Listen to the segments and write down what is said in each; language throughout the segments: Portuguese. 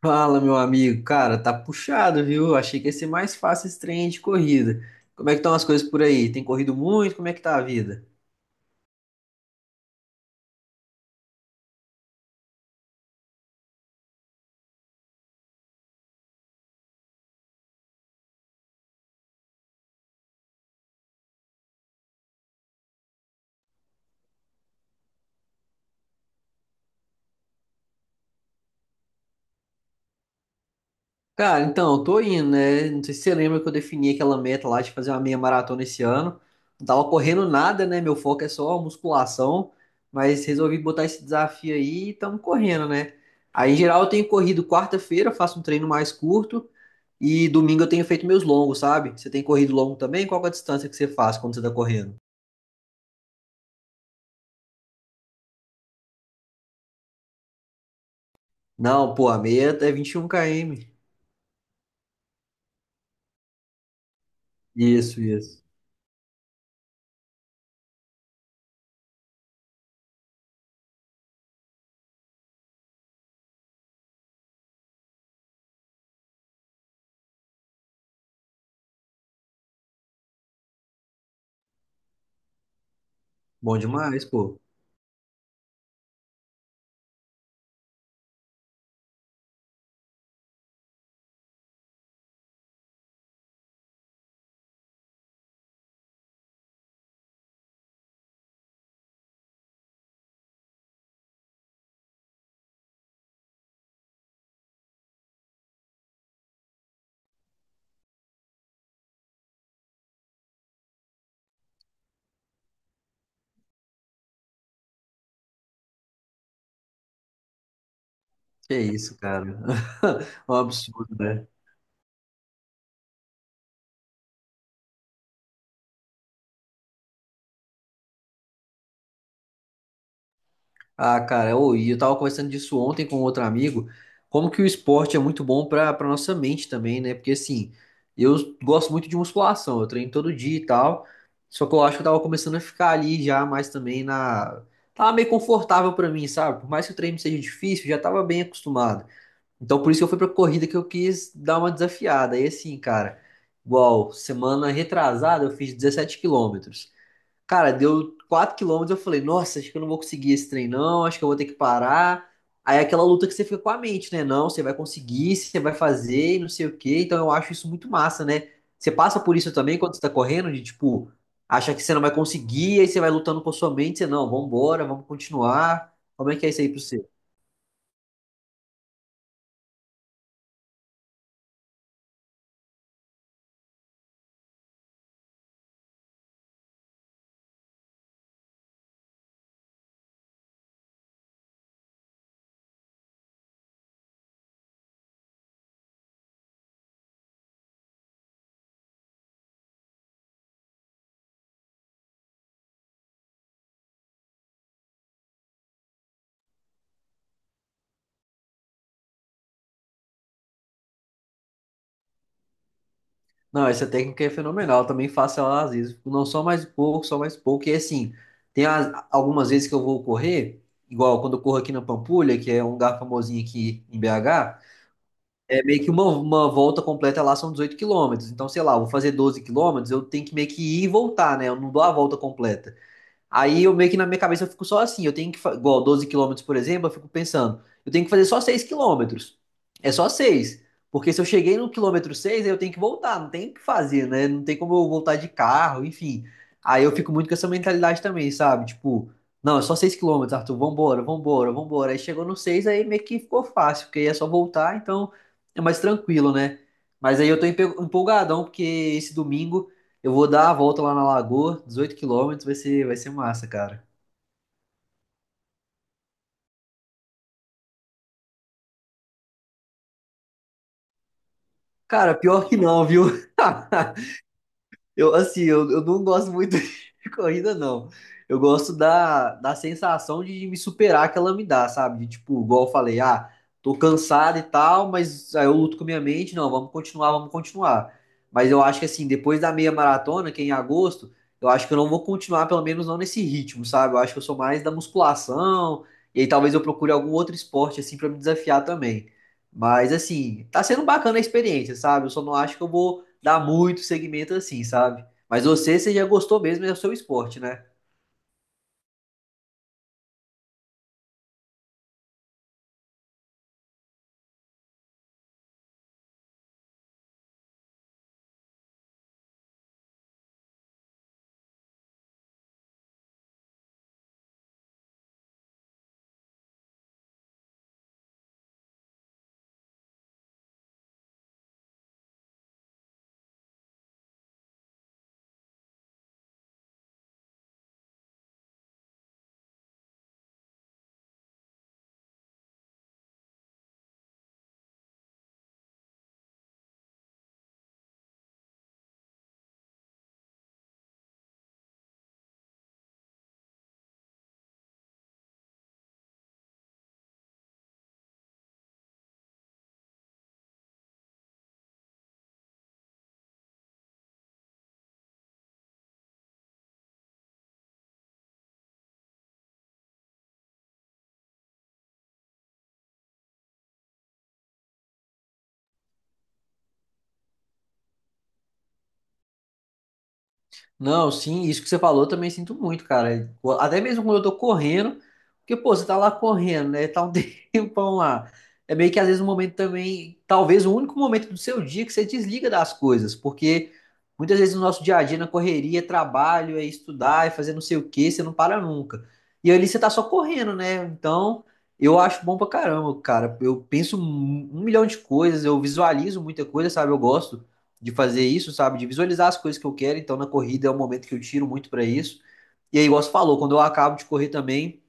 Fala, meu amigo. Cara, tá puxado, viu? Achei que ia ser mais fácil esse trem de corrida. Como é que estão as coisas por aí? Tem corrido muito? Como é que tá a vida? Cara, então, eu tô indo, né? Não sei se você lembra que eu defini aquela meta lá de fazer uma meia maratona esse ano. Não tava correndo nada, né? Meu foco é só musculação, mas resolvi botar esse desafio aí e estamos correndo, né? Aí, em geral, eu tenho corrido quarta-feira, faço um treino mais curto e domingo eu tenho feito meus longos, sabe? Você tem corrido longo também? Qual que é a distância que você faz quando você tá correndo? Não, pô, a meia é 21 km. Isso, isso. Bom demais, pô. Que isso, cara. É um absurdo, né? Ah, cara, e eu tava conversando disso ontem com outro amigo, como que o esporte é muito bom pra, nossa mente também, né? Porque, assim, eu gosto muito de musculação, eu treino todo dia e tal, só que eu acho que eu tava começando a ficar ali já mais também na... Tava meio confortável pra mim, sabe? Por mais que o treino seja difícil, eu já tava bem acostumado. Então, por isso que eu fui pra corrida que eu quis dar uma desafiada. E assim, cara, igual semana retrasada eu fiz 17 quilômetros. Cara, deu 4 quilômetros, eu falei, nossa, acho que eu não vou conseguir esse trem, não, acho que eu vou ter que parar. Aí é aquela luta que você fica com a mente, né? Não, você vai conseguir, você vai fazer, e não sei o quê. Então eu acho isso muito massa, né? Você passa por isso também quando você tá correndo, de tipo, acha que você não vai conseguir, aí você vai lutando com a sua mente, você não, vambora, vamos continuar. Como é que é isso aí pra você? Não, essa técnica é fenomenal. Eu também faço ela às vezes. Não só mais um pouco, só mais um pouco. E assim, algumas vezes que eu vou correr, igual quando eu corro aqui na Pampulha, que é um lugar famosinho aqui em BH, é meio que uma, volta completa lá são 18 quilômetros. Então, sei lá, eu vou fazer 12 quilômetros, eu tenho que meio que ir e voltar, né? Eu não dou a volta completa. Aí eu meio que na minha cabeça eu fico só assim, eu tenho que, fa- igual 12 quilômetros, por exemplo, eu fico pensando, eu tenho que fazer só 6 quilômetros. É só 6 porque se eu cheguei no quilômetro 6 aí eu tenho que voltar, não tem o que fazer, né? Não tem como eu voltar de carro, enfim. Aí eu fico muito com essa mentalidade também, sabe? Tipo, não, é só 6 quilômetros, Arthur, vambora, vambora, vambora. Aí chegou no 6 aí meio que ficou fácil, porque aí é só voltar, então é mais tranquilo, né? Mas aí eu tô empolgadão, porque esse domingo eu vou dar a volta lá na lagoa, 18 quilômetros, vai ser massa, cara. Cara, pior que não, viu? Eu, assim, eu não gosto muito de corrida, não. Eu gosto da, sensação de me superar que ela me dá, sabe? De, tipo, igual eu falei, ah, tô cansado e tal, mas aí eu luto com a minha mente, não, vamos continuar, vamos continuar. Mas eu acho que, assim, depois da meia maratona, que é em agosto, eu acho que eu não vou continuar, pelo menos não nesse ritmo, sabe? Eu acho que eu sou mais da musculação, e aí talvez eu procure algum outro esporte, assim, pra me desafiar também. Mas, assim, tá sendo bacana a experiência, sabe? Eu só não acho que eu vou dá muito segmento assim, sabe? Mas você, já gostou mesmo, é o seu esporte, né? Não, sim, isso que você falou eu também sinto muito, cara. Até mesmo quando eu tô correndo, porque, pô, você tá lá correndo, né? Tá um tempão lá. É meio que às vezes um momento também, talvez o único momento do seu dia que você desliga das coisas, porque muitas vezes no nosso dia a dia, na correria, é trabalho, é estudar, é fazer não sei o quê, você não para nunca. E ali você tá só correndo, né? Então, eu acho bom pra caramba, cara. Eu penso um milhão de coisas, eu visualizo muita coisa, sabe? Eu gosto de fazer isso, sabe? De visualizar as coisas que eu quero. Então, na corrida é um momento que eu tiro muito para isso. E aí, igual você falou, quando eu acabo de correr também,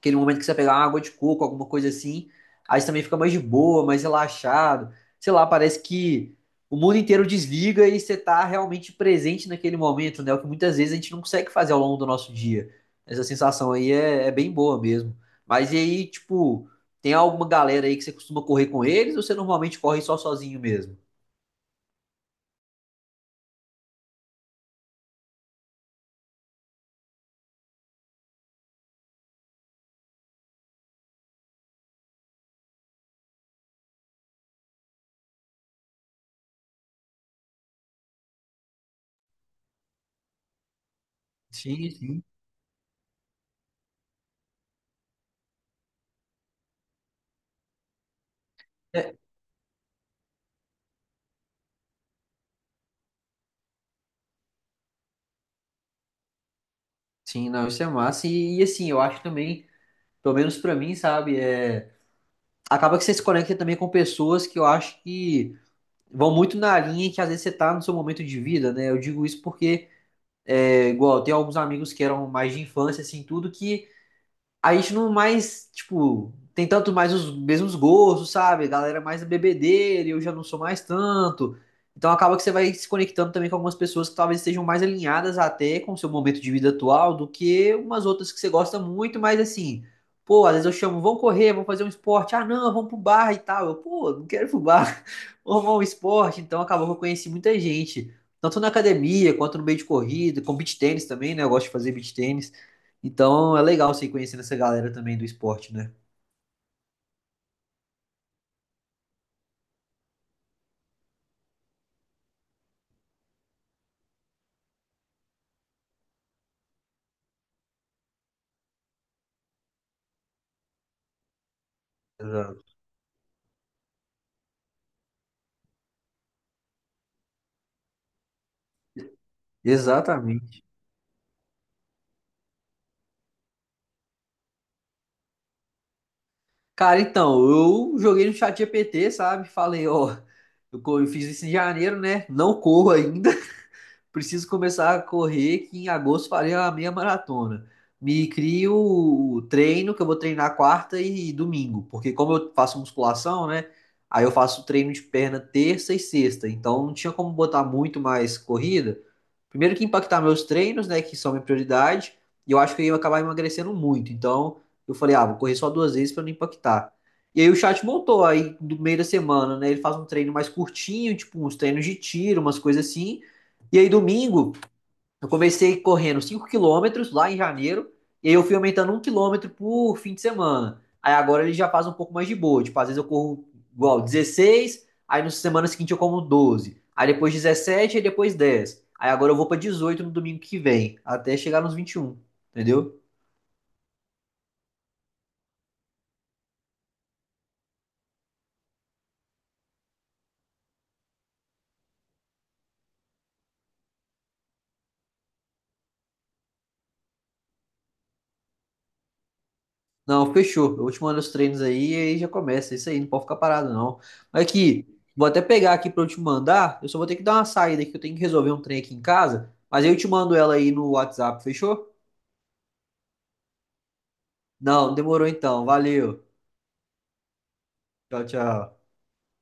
aquele momento que você pegar uma água de coco, alguma coisa assim, aí você também fica mais de boa, mais relaxado. Sei lá, parece que o mundo inteiro desliga e você tá realmente presente naquele momento, né? É o que muitas vezes a gente não consegue fazer ao longo do nosso dia. Essa sensação aí é bem boa mesmo. Mas e aí, tipo, tem alguma galera aí que você costuma correr com eles ou você normalmente corre só sozinho mesmo? Sim, sim. Sim, não, isso é massa. Assim, eu acho também, pelo menos pra mim, sabe, é... acaba que você se conecta também com pessoas que eu acho que vão muito na linha que às vezes você tá no seu momento de vida, né? Eu digo isso porque, é, igual, tem alguns amigos que eram mais de infância, assim, tudo, que a gente não mais, tipo, tem tanto mais os mesmos gostos, sabe? A galera mais é bebedeira, e eu já não sou mais tanto. Então acaba que você vai se conectando também com algumas pessoas que talvez estejam mais alinhadas até com o seu momento de vida atual do que umas outras que você gosta muito, mas assim, pô, às vezes eu chamo, vamos correr, vamos fazer um esporte. Ah, não, vamos pro bar e tal. Eu, pô, não quero ir pro bar, vamos arrumar um esporte. Então acabou que eu conheci muita gente, tanto na academia quanto no meio de corrida, com beach tênis também, né? Eu gosto de fazer beach tênis. Então é legal você ir conhecendo essa galera também do esporte, né? Exato. Exatamente. Cara, então, eu joguei no chat GPT, sabe? Falei, ó, eu fiz isso em janeiro, né? Não corro ainda. Preciso começar a correr, que em agosto farei a meia maratona. Me crio o treino, que eu vou treinar quarta e domingo. Porque como eu faço musculação, né? Aí eu faço treino de perna terça e sexta. Então não tinha como botar muito mais corrida. Primeiro que impactar meus treinos, né, que são minha prioridade, e eu acho que eu ia acabar emagrecendo muito. Então, eu falei, ah, vou correr só duas vezes para não impactar. E aí o chat montou aí do meio da semana, né? Ele faz um treino mais curtinho, tipo uns treinos de tiro, umas coisas assim. E aí domingo eu comecei correndo 5 quilômetros lá em janeiro, e aí eu fui aumentando 1 quilômetro por fim de semana. Aí agora ele já faz um pouco mais de boa. Tipo, às vezes eu corro igual 16. Aí na semana seguinte eu como 12. Aí depois 17, aí depois 10. Aí agora eu vou para 18 no domingo que vem, até chegar nos 21, entendeu? Não, fechou. Eu te mando os treinos aí e aí já começa. Isso aí, não pode ficar parado, não. Mas aqui, vou até pegar aqui para eu te mandar. Eu só vou ter que dar uma saída aqui, eu tenho que resolver um trem aqui em casa. Mas aí eu te mando ela aí no WhatsApp, fechou? Não, demorou então. Valeu. Tchau, tchau.